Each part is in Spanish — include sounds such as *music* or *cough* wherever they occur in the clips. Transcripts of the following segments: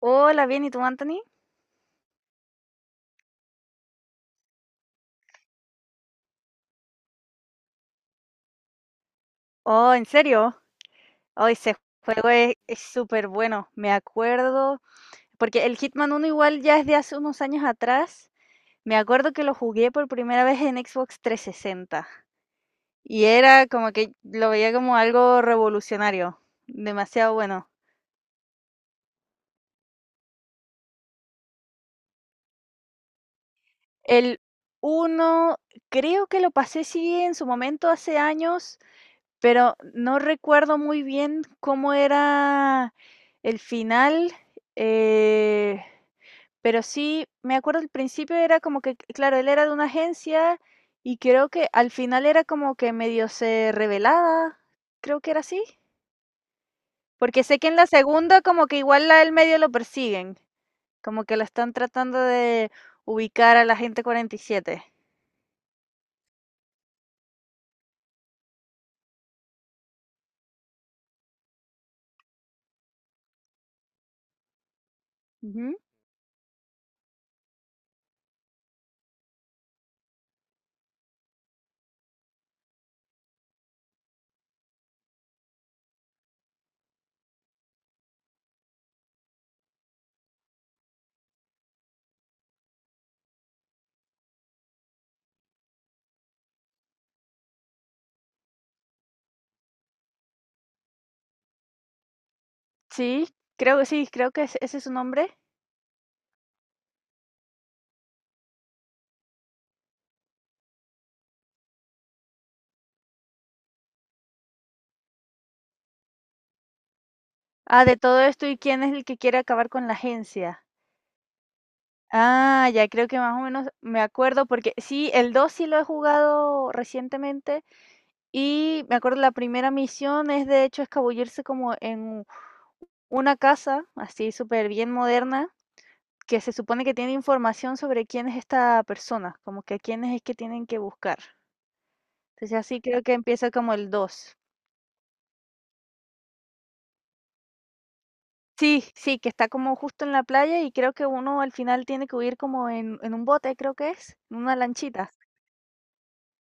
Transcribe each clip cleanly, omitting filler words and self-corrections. Hola, bien, ¿y tú, Anthony? Oh, ¿en serio? Oh, ese juego es súper bueno. Me acuerdo, porque el Hitman uno igual ya es de hace unos años atrás. Me acuerdo que lo jugué por primera vez en Xbox 360. Y era como que lo veía como algo revolucionario. Demasiado bueno. El uno creo que lo pasé sí en su momento hace años, pero no recuerdo muy bien cómo era el final. Eh... Pero sí, me acuerdo al principio era como que, claro, él era de una agencia y creo que al final era como que medio se revelaba, creo que era así. Porque sé que en la segunda como que igual a él medio lo persiguen, como que lo están tratando de ubicar a la gente 47. Ujú. Sí, sí, creo que ese es su nombre. Ah, de todo esto, ¿y quién es el que quiere acabar con la agencia? Ah, ya creo que más o menos me acuerdo porque sí, el 2 sí lo he jugado recientemente. Y me acuerdo la primera misión es de hecho escabullirse como en una casa, así súper bien moderna, que se supone que tiene información sobre quién es esta persona, como que a quiénes es que tienen que buscar. Entonces así creo que empieza como el dos. Sí, sí, que está como justo en la playa y creo que uno al final tiene que huir como en un bote, creo que es, en una lanchita.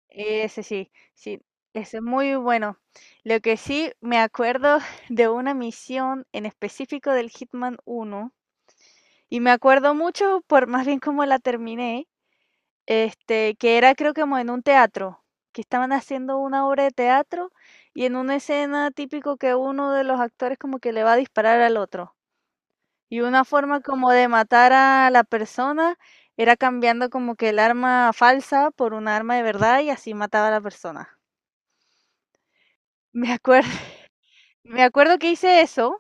Ese sí, sí, ese es muy bueno. Lo que sí me acuerdo *laughs* de una misión en específico del Hitman uno. Y me acuerdo mucho por más bien como la terminé, este, que era creo que como en un teatro, que estaban haciendo una obra de teatro y en una escena típico que uno de los actores como que le va a disparar al otro. Y una forma como de matar a la persona era cambiando como que el arma falsa por una arma de verdad y así mataba a la persona. Me acuerdo, *laughs* me acuerdo que hice eso.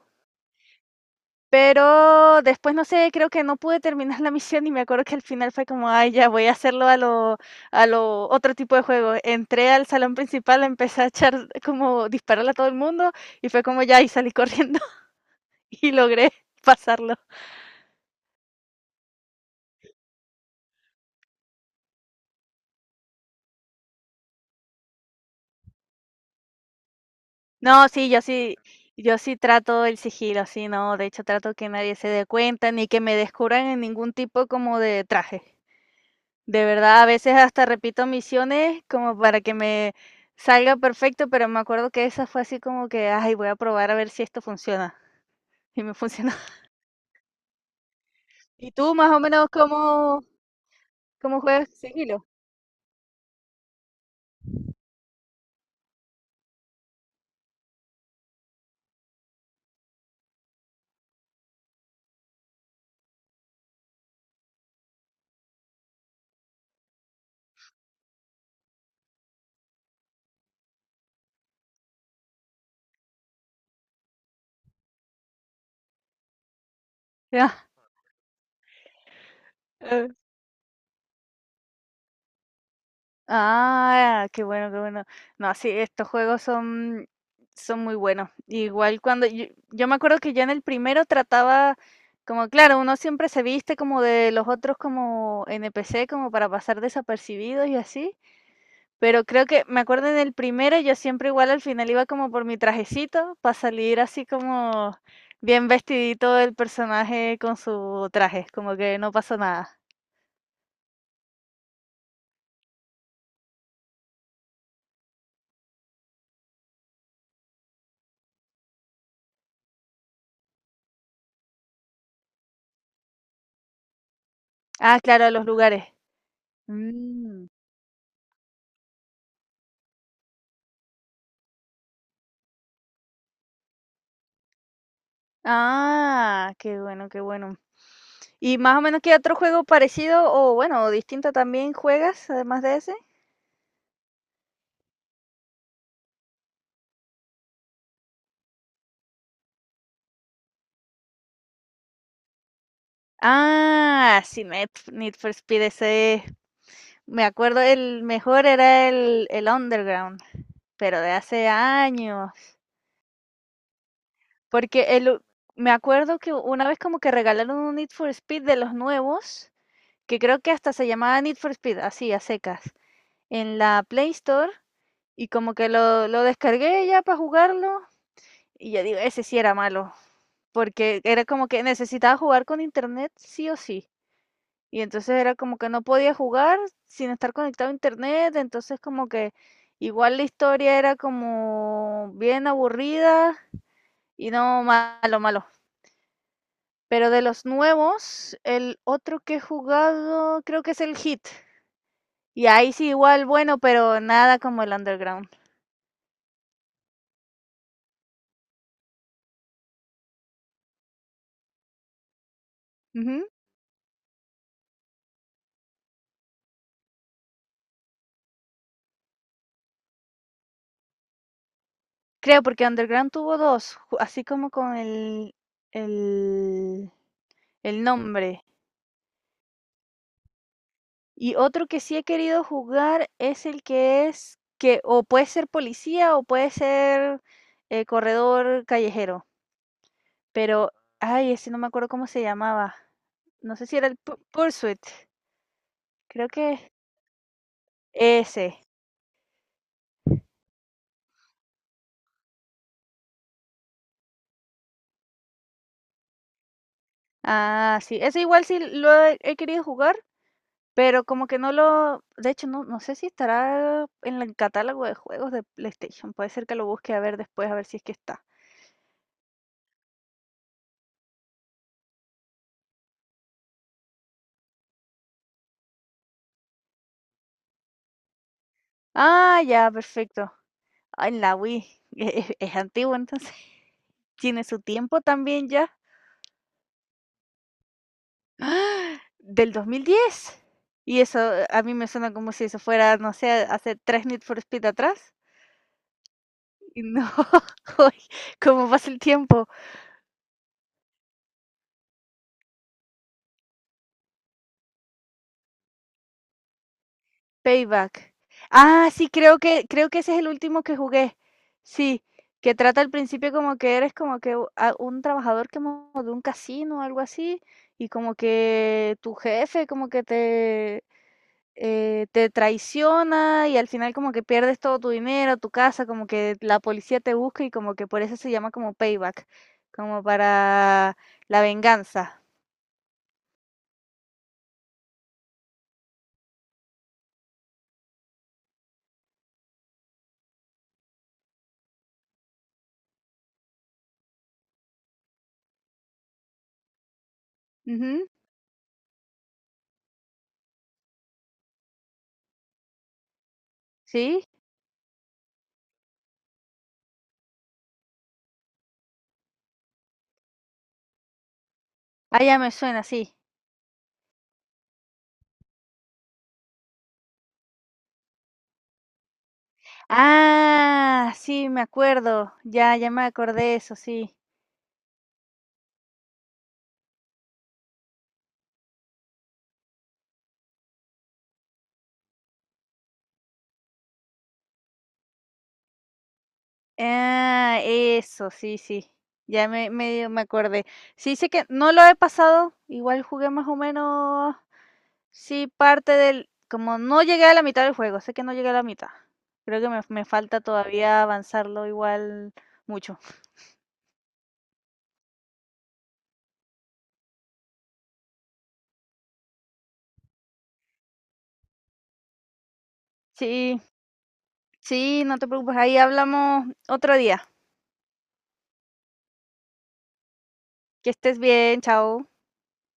Pero después, no sé, creo que no pude terminar *laughs* la misión y me acuerdo que al final fue como, ay, ya voy a hacerlo a lo otro tipo de juego. Entré al salón principal, empecé a echar como dispararle a todo el mundo y fue como ya y salí corriendo *laughs* y logré pasarlo. No, sí, yo sí, yo sí trato el sigilo, sí, no, de hecho trato que nadie se dé cuenta ni que me descubran en ningún tipo como de traje. De verdad, a veces hasta repito misiones como para que me salga perfecto, pero me acuerdo que esa fue así como que, ay, voy a probar a ver si esto funciona. Y me funcionó. *laughs* ¿Y tú más o menos cómo, cómo juegas sigilo? Ya. Eh. Ah, qué bueno, qué bueno. No, sí, estos juegos son, son muy buenos. Igual cuando yo me acuerdo que yo en el primero trataba, como claro, uno siempre se viste como de los otros como NPC, como para pasar desapercibidos y así. Pero creo que me acuerdo en el primero, yo siempre igual al final iba como por mi trajecito para salir así como bien vestidito el personaje con su traje, como que no pasó nada. Ah, claro, a los lugares. Mm. Ah, qué bueno, qué bueno. ¿Y más o menos qué otro juego parecido o bueno, o distinto también juegas además de ese? Ah, sí, Need for Speed ese. Me acuerdo el mejor era el Underground, pero de hace años. Porque el u me acuerdo que una vez como que regalaron un Need for Speed de los nuevos, que creo que hasta se llamaba Need for Speed, así, a secas, en la Play Store, y como que lo descargué ya para jugarlo, y yo digo: "Ese sí era malo", porque era como que necesitaba jugar con Internet sí o sí. Y entonces era como que no podía jugar sin estar conectado a Internet, entonces como que igual la historia era como bien aburrida y no, malo, malo. Pero de los nuevos, el otro que he jugado creo que es el Hit. Y ahí sí igual bueno, pero nada como el Underground. Ujú. Creo, porque Underground tuvo dos, así como con el, el nombre. Y otro que sí he querido jugar es el que es que o puede ser policía o puede ser corredor callejero. Pero, ay, ese no me acuerdo cómo se llamaba. No sé si era el Pursuit. Creo que ese. Ah, sí, ese igual sí lo he he querido jugar, pero como que no lo de hecho, no sé si estará en el catálogo de juegos de PlayStation, puede ser que lo busque a ver después, a ver si es que está. Ah, ya, perfecto. Ah, en la Wii, *laughs* e es antiguo, entonces. *laughs* Tiene su tiempo también ya, del 2010. Y eso a mí me suena como si eso fuera, no sé, hace 3 Need for Speed atrás. Y no, *laughs* uy, cómo pasa el tiempo. Payback. Ah, sí, creo que ese es el último que jugué. Sí, que trata al principio como que eres como que u- a- un trabajador que mo- de un casino o algo así, y como que tu jefe como que te te traiciona y al final como que pierdes todo tu dinero, tu casa, como que la policía te busca y como que por eso se llama como payback, como para la venganza. Ujú. Sí, ah, ya me suena, sí. Ah, sí, me acuerdo. Ya, ya me acordé eso, sí. Ah, eso, sí, sí. Ya me medio me acordé. Sí, sé que no lo he pasado. Igual jugué más o menos. Sí, parte del. Como no llegué a la mitad del juego. Sé que no llegué a la mitad. Creo que me falta todavía avanzarlo igual mucho. Sí, sí, no te preocupes. Ahí hablamos otro día. Que estés bien, chao.